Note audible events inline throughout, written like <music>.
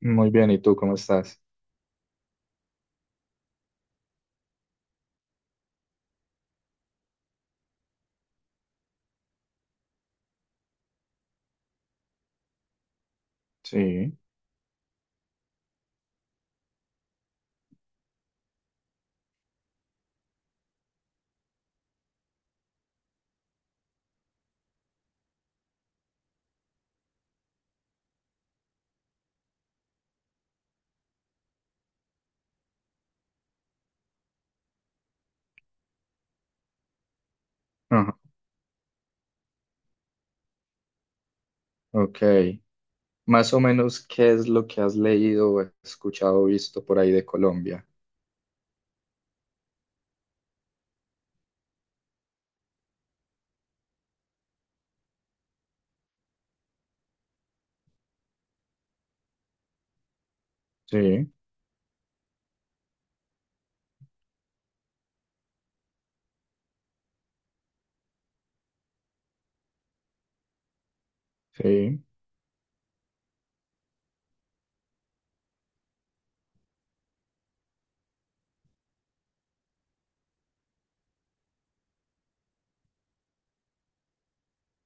Muy bien, ¿y tú cómo estás? Sí. Ajá. Ok. Más o menos, ¿qué es lo que has leído, o escuchado, o visto por ahí de Colombia? Sí, sí,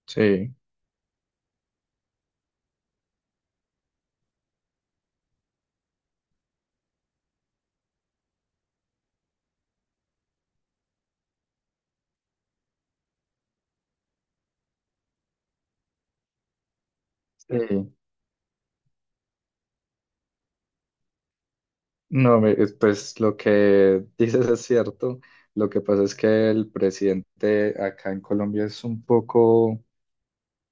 sí, sí. No, pues lo que <laughs> dices es cierto. Lo que pasa es que el presidente acá en Colombia es un poco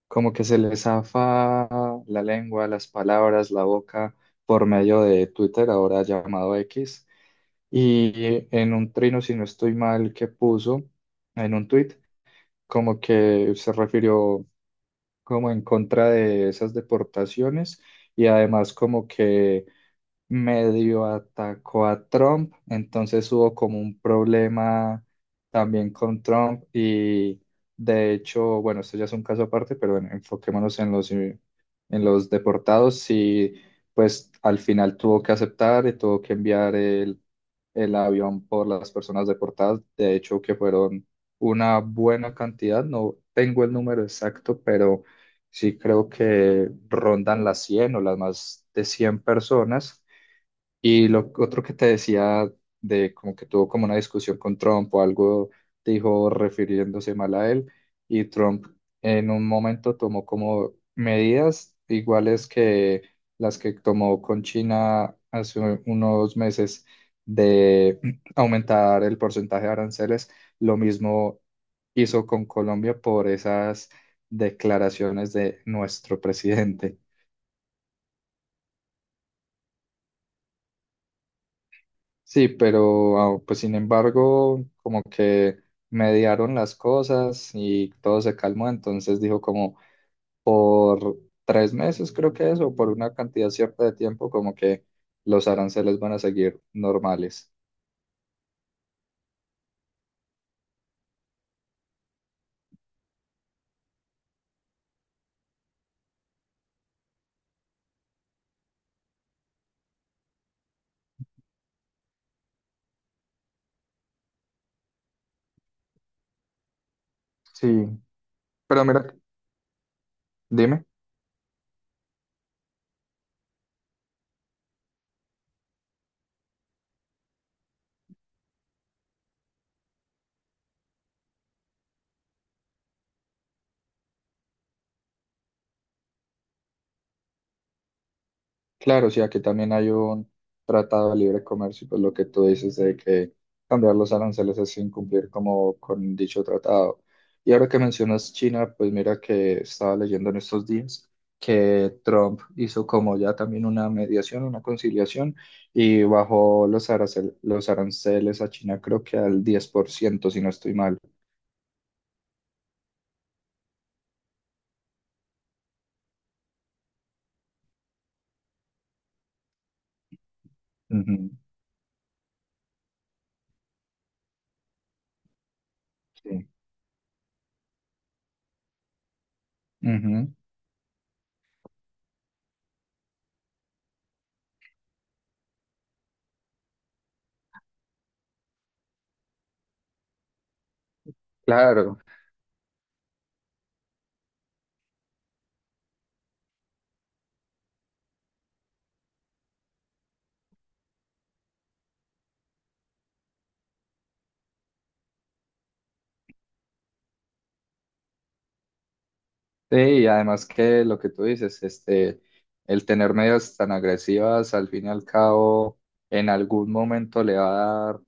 como que se le zafa la lengua, las palabras, la boca por medio de Twitter, ahora llamado X. Y en un trino, si no estoy mal, que puso en un tuit, como que se refirió como en contra de esas deportaciones y además como que medio atacó a Trump, entonces hubo como un problema también con Trump y de hecho, bueno, esto ya es un caso aparte, pero bueno, enfoquémonos en los deportados y pues al final tuvo que aceptar y tuvo que enviar el avión por las personas deportadas, de hecho que fueron una buena cantidad. No tengo el número exacto, pero sí creo que rondan las 100 o las más de 100 personas. Y lo otro que te decía, de como que tuvo como una discusión con Trump o algo, dijo refiriéndose mal a él, y Trump en un momento tomó como medidas iguales que las que tomó con China hace unos meses, de <clears throat> aumentar el porcentaje de aranceles. Lo mismo hizo con Colombia por esas declaraciones de nuestro presidente. Sí, pero ah, pues sin embargo, como que mediaron las cosas y todo se calmó, entonces dijo como por 3 meses, creo que es, o por una cantidad cierta de tiempo, como que los aranceles van a seguir normales. Sí, pero mira, dime. Claro, sí, aquí también hay un tratado de libre comercio, y pues lo que tú dices de que cambiar los aranceles es incumplir como con dicho tratado. Y ahora que mencionas China, pues mira que estaba leyendo en estos días que Trump hizo como ya también una mediación, una conciliación, y bajó los aranceles a China creo que al 10%, si no estoy mal. Ujú, sí. Ujú, claro, sí, y además que lo que tú dices, este, el tener medidas tan agresivas, al fin y al cabo, en algún momento le va a dar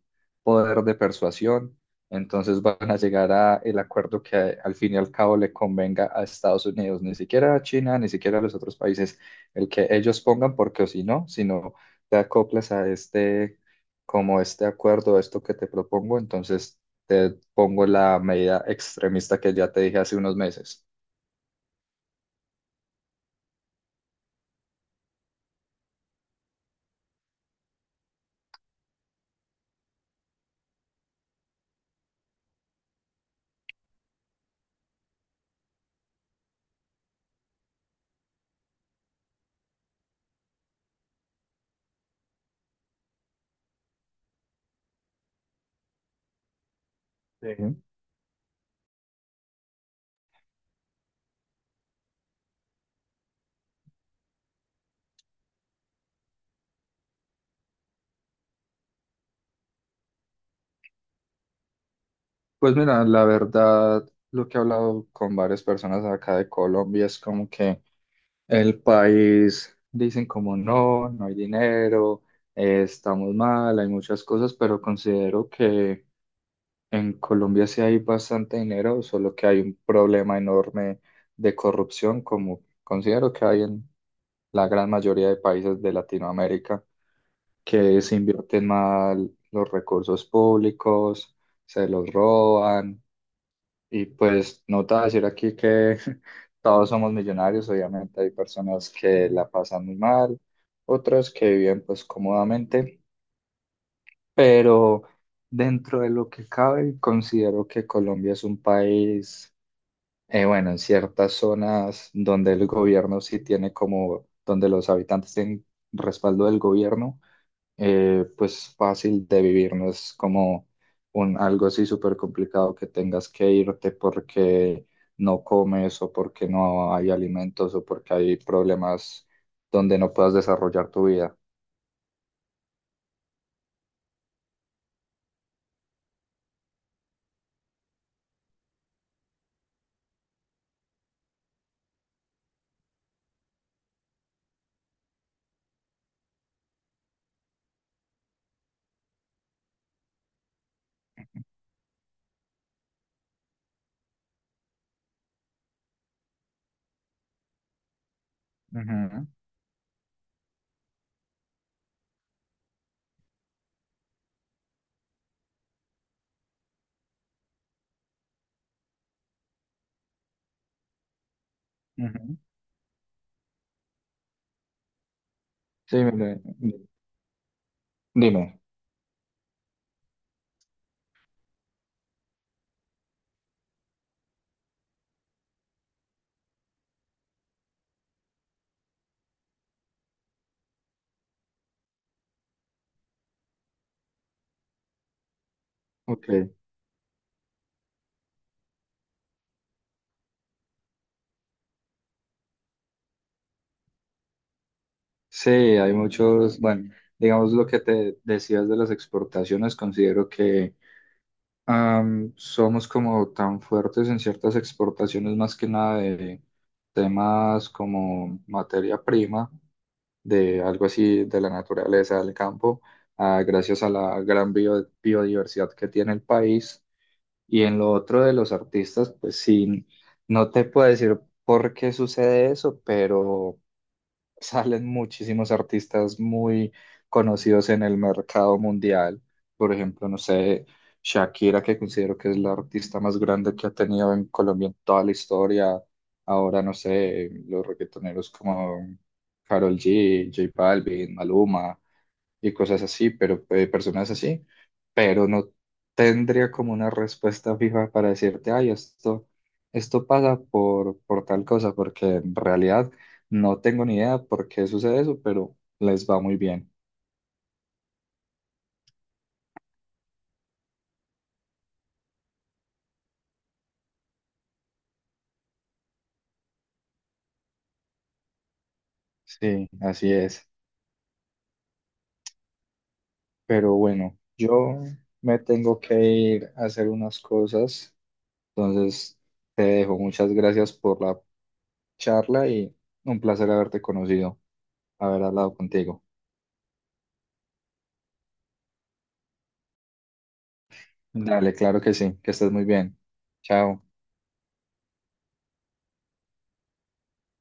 poder de persuasión, entonces van a llegar a el acuerdo que al fin y al cabo le convenga a Estados Unidos, ni siquiera a China, ni siquiera a los otros países, el que ellos pongan, porque o si no, te acoplas a este, como este acuerdo, esto que te propongo, entonces te pongo la medida extremista que ya te dije hace unos meses. Sí. Pues mira, la verdad, lo que he hablado con varias personas acá de Colombia es como que el país, dicen como no, no hay dinero, estamos mal, hay muchas cosas, pero considero que en Colombia sí hay bastante dinero, solo que hay un problema enorme de corrupción, como considero que hay en la gran mayoría de países de Latinoamérica, que se invierten mal los recursos públicos, se los roban, y pues no te voy a decir aquí que <laughs> todos somos millonarios. Obviamente hay personas que la pasan muy mal, otras que viven pues cómodamente, pero dentro de lo que cabe considero que Colombia es un país, bueno, en ciertas zonas donde el gobierno sí tiene como, donde los habitantes tienen respaldo del gobierno, pues fácil de vivir. No es como un algo así súper complicado que tengas que irte porque no comes o porque no hay alimentos o porque hay problemas donde no puedas desarrollar tu vida. Ujú, ujú. Sí, mire, dime. Ok. Sí, hay muchos, bueno, digamos lo que te decías de las exportaciones, considero que somos como tan fuertes en ciertas exportaciones, más que nada de temas como materia prima, de algo así de la naturaleza del campo, ah, gracias a la gran biodiversidad que tiene el país. Y en lo otro de los artistas, pues sí, no te puedo decir por qué sucede eso, pero salen muchísimos artistas muy conocidos en el mercado mundial. Por ejemplo, no sé, Shakira, que considero que es la artista más grande que ha tenido en Colombia en toda la historia. Ahora, no sé, los reggaetoneros como Karol G, J Balvin, Maluma y cosas así, pero personas así. Pero no tendría como una respuesta fija para decirte, ay, esto pasa por tal cosa, porque en realidad no tengo ni idea por qué sucede eso, pero les va muy bien. Sí, así es. Pero bueno, yo me tengo que ir a hacer unas cosas, entonces te dejo. Muchas gracias por la charla y un placer haberte conocido, haber hablado contigo. Dale, claro que sí, que estés muy bien. Chao.